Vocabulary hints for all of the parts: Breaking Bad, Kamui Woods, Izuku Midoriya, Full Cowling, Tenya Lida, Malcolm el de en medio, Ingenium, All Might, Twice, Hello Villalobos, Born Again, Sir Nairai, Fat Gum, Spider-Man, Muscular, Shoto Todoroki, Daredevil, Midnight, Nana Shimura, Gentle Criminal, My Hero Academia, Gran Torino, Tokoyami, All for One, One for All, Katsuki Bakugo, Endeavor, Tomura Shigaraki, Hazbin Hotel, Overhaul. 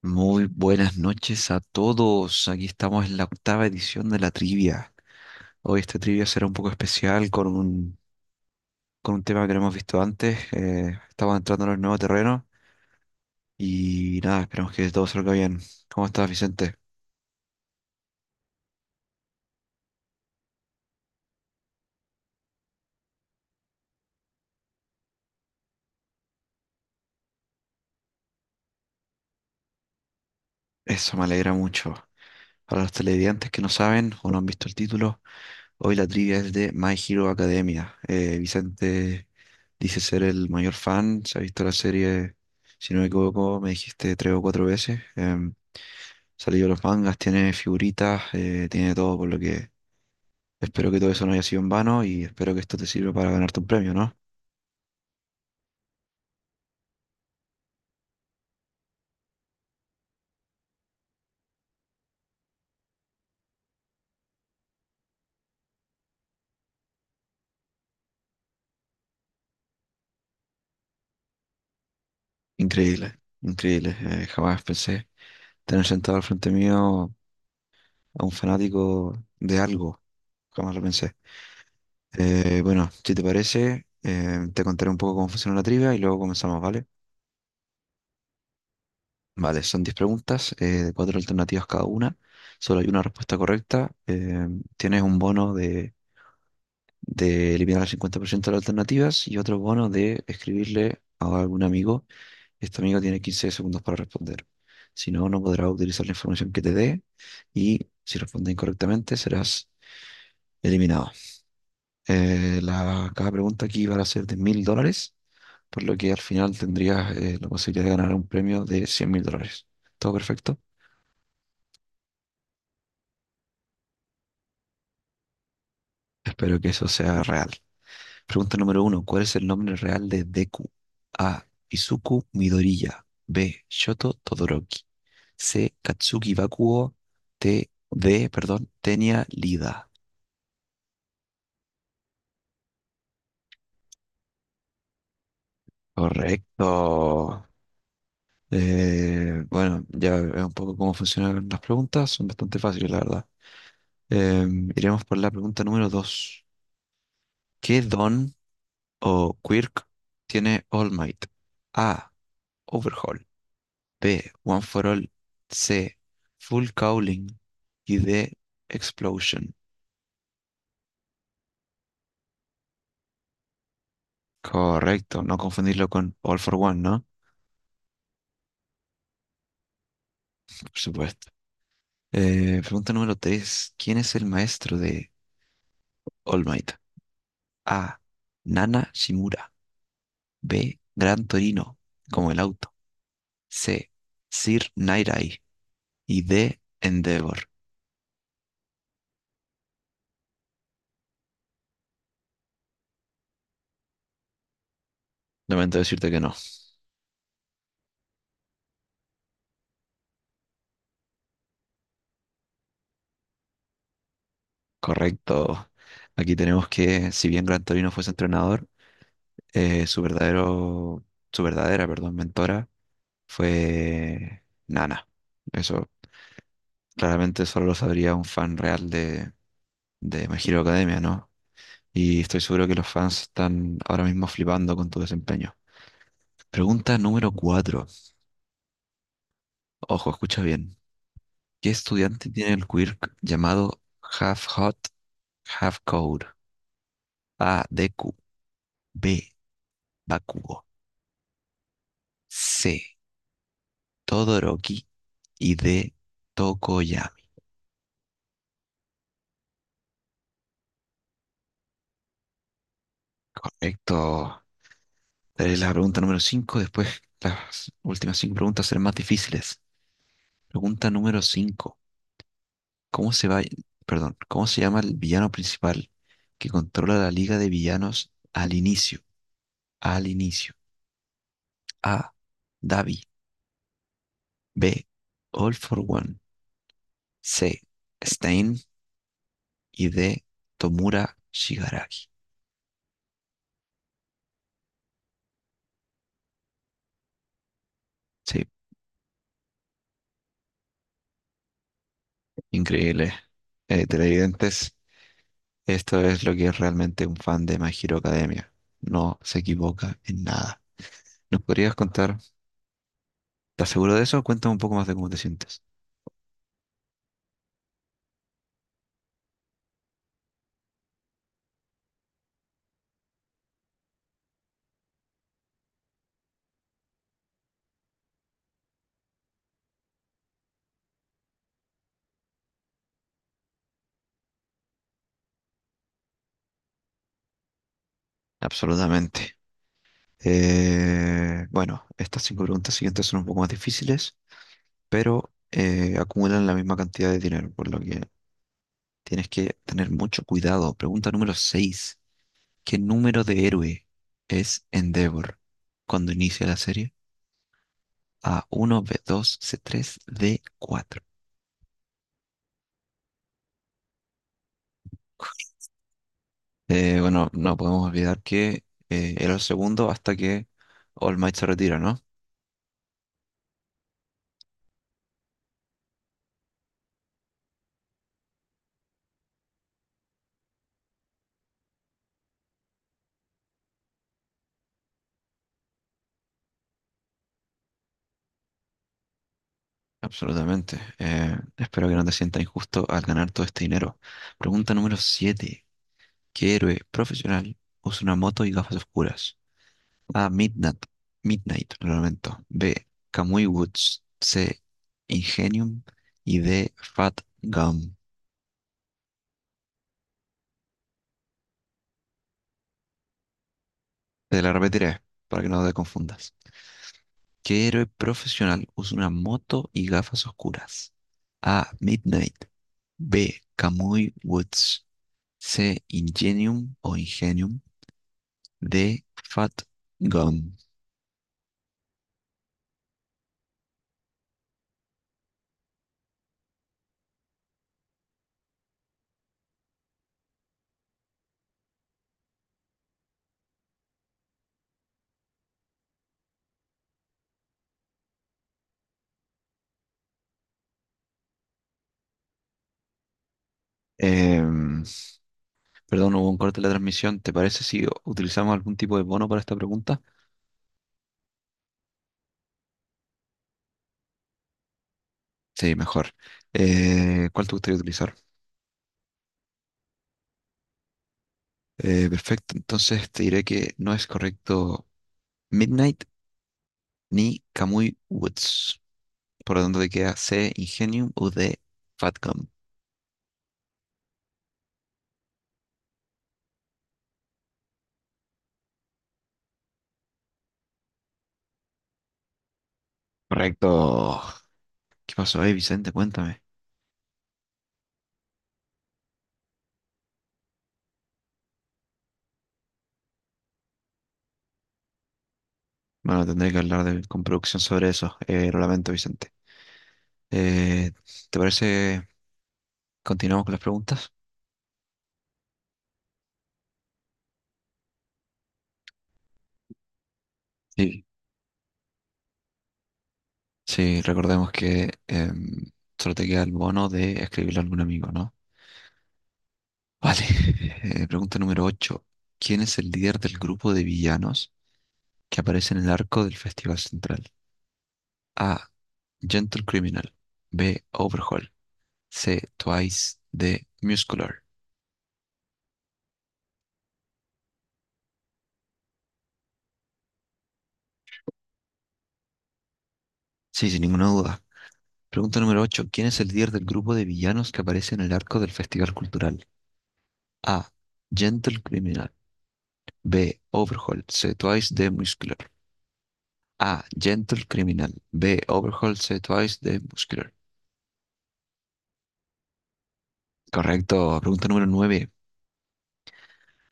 Muy buenas noches a todos. Aquí estamos en la octava edición de la trivia. Hoy esta trivia será un poco especial con con un tema que no hemos visto antes. Estamos entrando en el nuevo terreno y nada, esperamos que todo salga bien. ¿Cómo estás, Vicente? Eso me alegra mucho. Para los televidentes que no saben o no han visto el título, hoy la trivia es de My Hero Academia. Vicente dice ser el mayor fan, se ha visto la serie, si no me equivoco, me dijiste tres o cuatro veces. Salido los mangas, tiene figuritas, tiene todo, por lo que espero que todo eso no haya sido en vano y espero que esto te sirva para ganarte un premio, ¿no? Increíble, increíble. Jamás pensé tener sentado al frente mío a un fanático de algo. Jamás lo pensé. Bueno, si te parece, te contaré un poco cómo funciona la trivia y luego comenzamos, ¿vale? Vale, son 10 preguntas, de cuatro alternativas cada una. Solo hay una respuesta correcta. Tienes un bono de eliminar el 50% de las alternativas y otro bono de escribirle a algún amigo. Este amigo tiene 15 segundos para responder. Si no, no podrá utilizar la información que te dé y si responde incorrectamente serás eliminado. Cada pregunta aquí va a ser de $1.000, por lo que al final tendrías la posibilidad de ganar un premio de 100 mil dólares. ¿Todo perfecto? Espero que eso sea real. Pregunta número uno. ¿Cuál es el nombre real de Deku? A. Izuku Midoriya. B. Shoto Todoroki. C. Katsuki Bakugo. T. D. Perdón. Tenya Lida. Correcto. Bueno, ya es un poco cómo funcionan las preguntas. Son bastante fáciles, la verdad. Iremos por la pregunta número dos. ¿Qué don o quirk tiene All Might? A. Overhaul. B. One for All. C. Full Cowling. Y D. Explosion. Correcto, no confundirlo con All for One, ¿no? Por supuesto. Pregunta número 3: ¿Quién es el maestro de All Might? A. Nana Shimura. B. Gran Torino, como el auto. C. Sir Nairai. Y D. Endeavor. Lamento decirte que no. Correcto. Aquí tenemos que, si bien Gran Torino fuese entrenador, eh, su verdadero, su verdadera, perdón, mentora fue Nana. Eso claramente solo lo sabría un fan real de My Hero Academia, ¿no? Y estoy seguro que los fans están ahora mismo flipando con tu desempeño. Pregunta número cuatro. Ojo, escucha bien. ¿Qué estudiante tiene el quirk llamado Half Hot, Half Cold? A. Deku. B. Bakugo. C. Todoroki. Y D. Tokoyami. Correcto. Daré la pregunta número 5, después las últimas cinco preguntas serán más difíciles. Pregunta número 5. ¿Cómo se va, Perdón, ¿cómo se llama el villano principal que controla la liga de villanos al inicio? Al inicio. A. Davi. B. All for One. C. Stein. Y D. Tomura Shigaraki. Sí, increíble. Televidentes, esto es lo que es realmente un fan de My Hero Academia. No se equivoca en nada. ¿Nos podrías contar? ¿Estás seguro de eso? Cuéntame un poco más de cómo te sientes. Absolutamente. Bueno, estas cinco preguntas siguientes son un poco más difíciles, pero acumulan la misma cantidad de dinero, por lo que tienes que tener mucho cuidado. Pregunta número 6: ¿Qué número de héroe es Endeavor cuando inicia la serie? A uno, b dos, c tres, d cuatro. Bueno, no podemos olvidar que era el segundo hasta que All Might se retira, ¿no? Absolutamente. Espero que no te sientas injusto al ganar todo este dinero. Pregunta número siete. ¿Qué héroe profesional usa una moto y gafas oscuras? A. Midnight. Midnight, lo lamento. B. Kamui Woods. C. Ingenium. Y D. Fat Gum. Te la repetiré para que no te confundas. ¿Qué héroe profesional usa una moto y gafas oscuras? A. Midnight. B. Kamui Woods. C. Ingenium o Ingenium. De Fat Gum. Em, Perdón, hubo un corte de la transmisión. ¿Te parece si utilizamos algún tipo de bono para esta pregunta? Sí, mejor. ¿Cuál te gustaría utilizar? Perfecto, entonces te diré que no es correcto Midnight ni Kamui Woods. Por lo tanto, te queda C, Ingenium o D, Fatcom. Correcto. ¿Qué pasó ahí, Vicente? Cuéntame. Bueno, tendré que hablar con producción sobre eso. Lo lamento, Vicente. Eh, ¿Te parece? Continuamos con las preguntas. Sí, sí, recordemos que solo te queda el bono de escribirle a algún amigo, ¿no? Vale. Pregunta número 8. ¿Quién es el líder del grupo de villanos que aparece en el arco del Festival Central? A. Gentle Criminal. B. Overhaul. C. Twice. D. Muscular. Sí, sin ninguna duda. Pregunta número 8. ¿Quién es el líder del grupo de villanos que aparece en el arco del Festival Cultural? A. Gentle Criminal. B. Overhaul. C. Twice. D. Muscular. A. Gentle Criminal. B. Overhaul C. Twice de Muscular. Correcto. Pregunta número 9.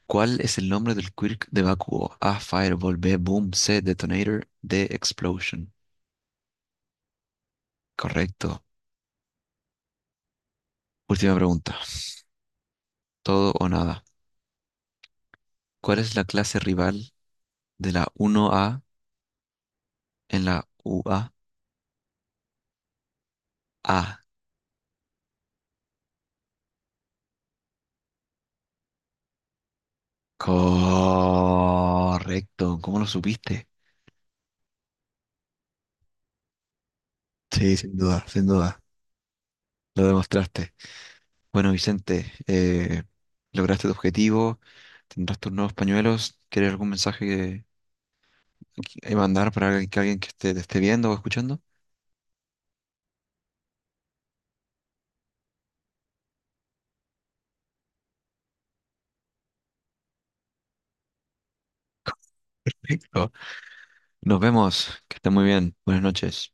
¿Cuál es el nombre del quirk de Bakugo? A. Fireball. B. Boom. C. Detonator. D. Explosion. Correcto. Última pregunta. Todo o nada. ¿Cuál es la clase rival de la 1A en la UA? A. A? Correcto. ¿Cómo lo supiste? Sí, sin duda, sin duda. Lo demostraste. Bueno, Vicente, lograste tu objetivo, tendrás tus nuevos pañuelos. ¿Quieres algún mensaje que mandar para que alguien que esté, te esté viendo o escuchando? Perfecto. Nos vemos, que esté muy bien. Buenas noches.